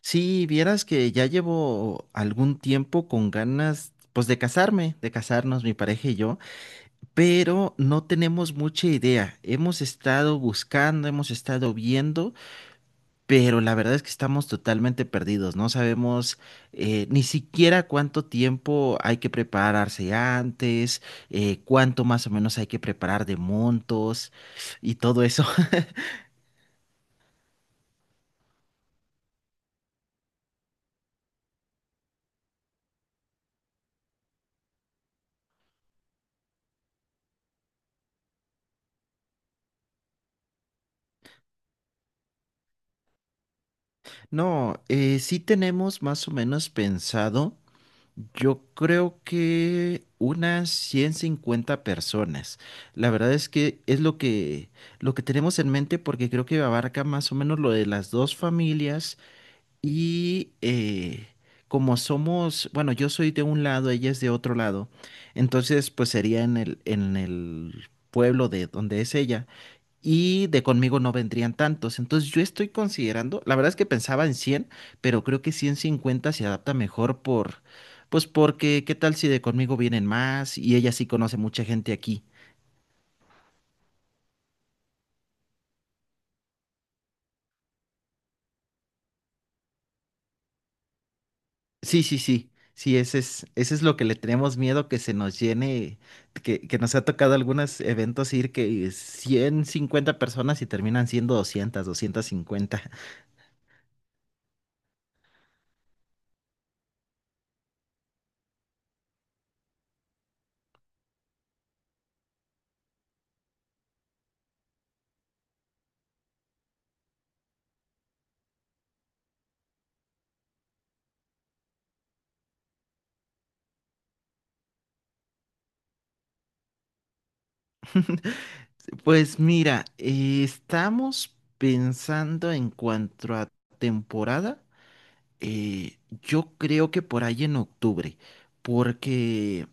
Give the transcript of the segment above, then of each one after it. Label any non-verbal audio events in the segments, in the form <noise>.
Sí, vieras que ya llevo algún tiempo con ganas, pues de casarme, de casarnos mi pareja y yo, pero no tenemos mucha idea. Hemos estado buscando, hemos estado viendo, pero la verdad es que estamos totalmente perdidos. No sabemos ni siquiera cuánto tiempo hay que prepararse antes, cuánto más o menos hay que preparar de montos y todo eso. <laughs> No, sí tenemos más o menos pensado. Yo creo que unas 150 personas. La verdad es que es lo que tenemos en mente porque creo que abarca más o menos lo de las dos familias y como somos, bueno, yo soy de un lado, ella es de otro lado, entonces pues sería en el pueblo de donde es ella y de conmigo no vendrían tantos. Entonces yo estoy considerando, la verdad es que pensaba en 100, pero creo que 150 se adapta mejor pues porque, ¿qué tal si de conmigo vienen más y ella sí conoce mucha gente aquí? Sí, sí, sí. Sí, ese es lo que le tenemos miedo, que se nos llene, que nos ha tocado algunos eventos ir que 150 personas y terminan siendo 200, 250. Pues mira, estamos pensando en cuanto a temporada. Yo creo que por ahí en octubre, porque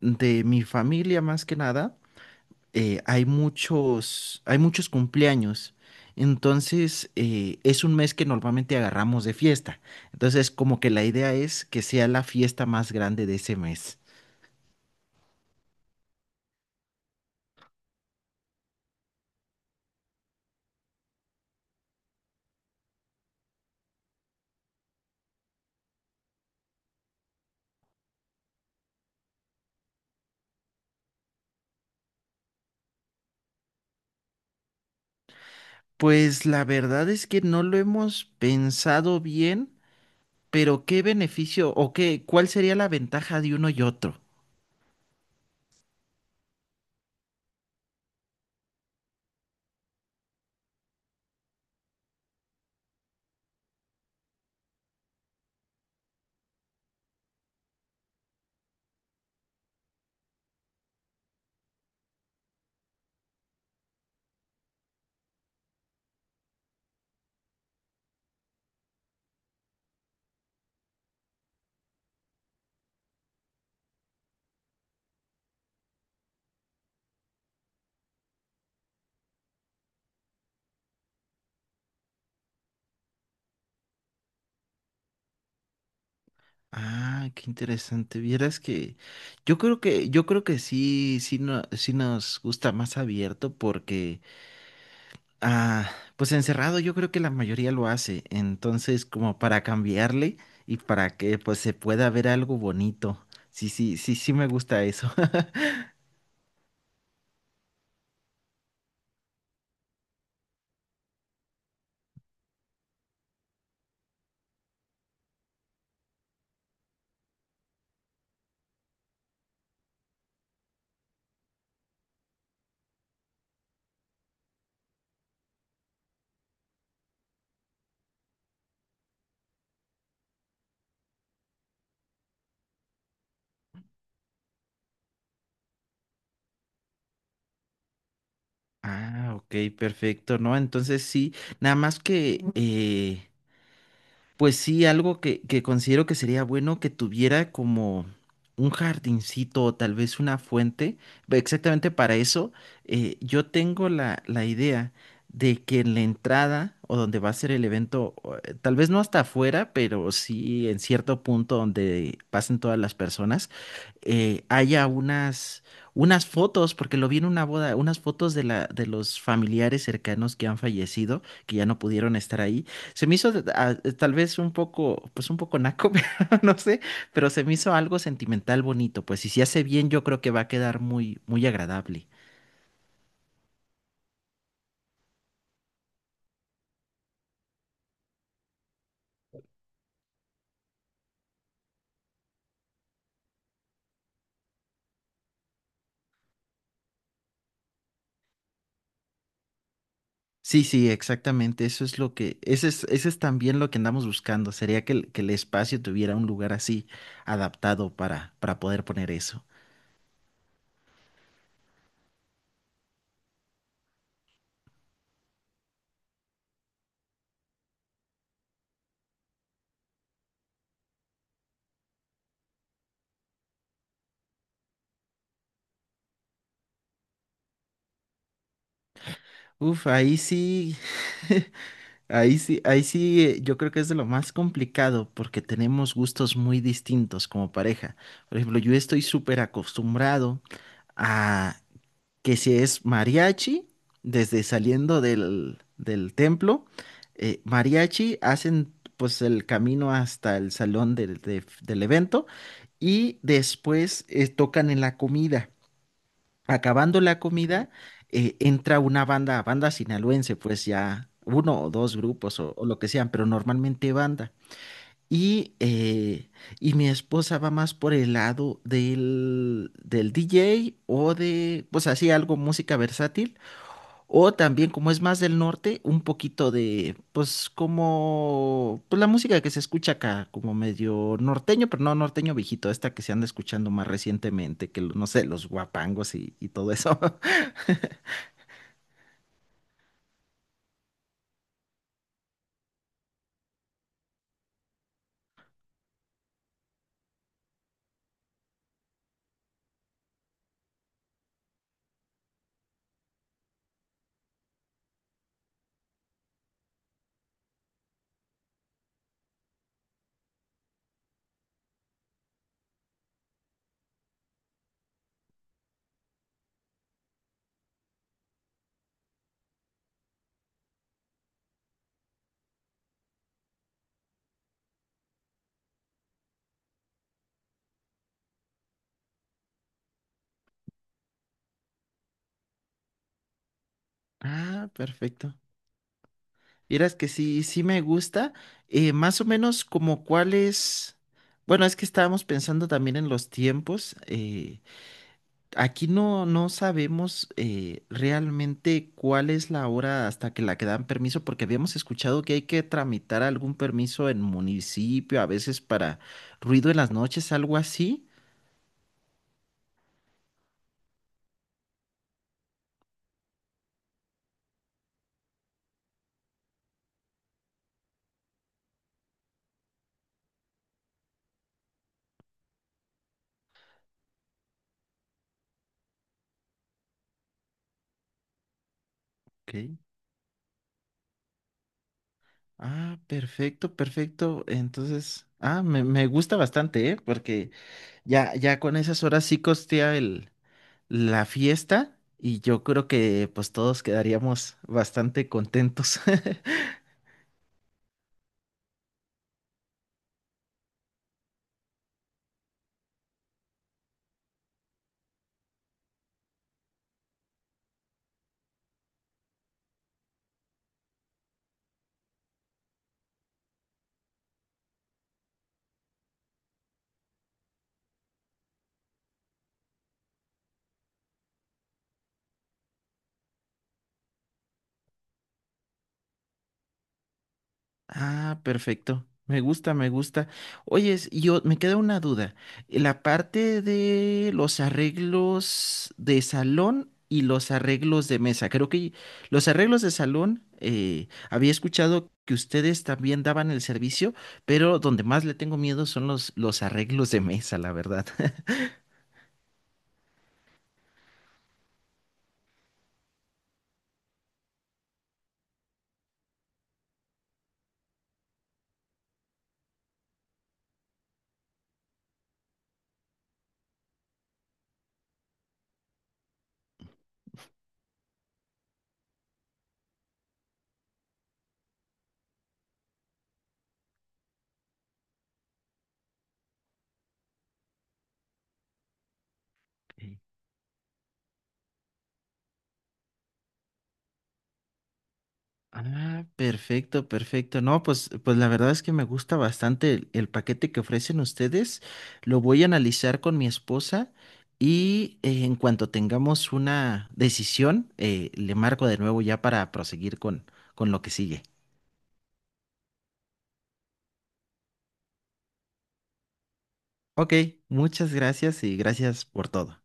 de mi familia más que nada, hay muchos cumpleaños. Entonces, es un mes que normalmente agarramos de fiesta. Entonces, como que la idea es que sea la fiesta más grande de ese mes. Pues la verdad es que no lo hemos pensado bien, pero ¿qué beneficio o qué, cuál sería la ventaja de uno y otro? Ah, qué interesante. Vieras que yo creo que sí sí no, sí nos gusta más abierto porque ah pues encerrado yo creo que la mayoría lo hace. Entonces, como para cambiarle y para que pues se pueda ver algo bonito. Sí, sí, sí, sí me gusta eso. <laughs> Ah, ok, perfecto, ¿no? Entonces sí, nada más que ujú. Pues sí, algo que considero que sería bueno que tuviera como un jardincito o tal vez una fuente. Ve, exactamente para eso, yo tengo la idea de que en la entrada o donde va a ser el evento, o, tal vez no hasta afuera, pero sí en cierto punto donde pasen todas las personas, eh, haya unas, unas fotos, porque lo vi en una boda, unas fotos de de los familiares cercanos que han fallecido, que ya no pudieron estar ahí. Se me hizo tal vez un poco, pues un poco naco, <laughs> pero no sé, pero se me hizo algo sentimental bonito, pues, y si se hace bien yo creo que va a quedar muy, muy agradable. Sí, sí, exactamente, eso es lo que, ese es también lo que andamos buscando, sería que el espacio tuviera un lugar así adaptado para poder poner eso. Uf, ahí sí, <laughs> ahí sí, ahí sí, yo creo que es de lo más complicado porque tenemos gustos muy distintos como pareja. Por ejemplo, yo estoy súper acostumbrado a que si es mariachi, desde saliendo del templo, mariachi hacen pues el camino hasta el salón del del evento y después tocan en la comida. Acabando la comida, entra una banda, banda sinaloense, pues ya uno o dos grupos o lo que sean, pero normalmente banda. Y, eh, y mi esposa va más por el lado del DJ o de, pues así, algo música versátil, o también, como es más del norte, un poquito de, pues, como, pues la música que se escucha acá, como medio norteño, pero no norteño viejito, esta que se anda escuchando más recientemente, que no sé, los guapangos y todo eso. <laughs> Ah, perfecto. Vieras que sí, sí me gusta. Más o menos como cuáles. Bueno, es que estábamos pensando también en los tiempos. Aquí no, no sabemos realmente cuál es la hora hasta que la que dan permiso, porque habíamos escuchado que hay que tramitar algún permiso en municipio, a veces para ruido en las noches, algo así. Ok. Ah, perfecto, perfecto. Entonces, ah, me gusta bastante, ¿eh? Porque ya, ya con esas horas sí costea la fiesta y yo creo que pues todos quedaríamos bastante contentos. <laughs> Ah, perfecto. Me gusta, me gusta. Oyes, yo me queda una duda. La parte de los arreglos de salón y los arreglos de mesa. Creo que los arreglos de salón, había escuchado que ustedes también daban el servicio, pero donde más le tengo miedo son los arreglos de mesa, la verdad. <laughs> Ah, perfecto, perfecto. No, pues la verdad es que me gusta bastante el paquete que ofrecen ustedes. Lo voy a analizar con mi esposa y en cuanto tengamos una decisión, le marco de nuevo ya para proseguir con lo que sigue. Ok, muchas gracias y gracias por todo.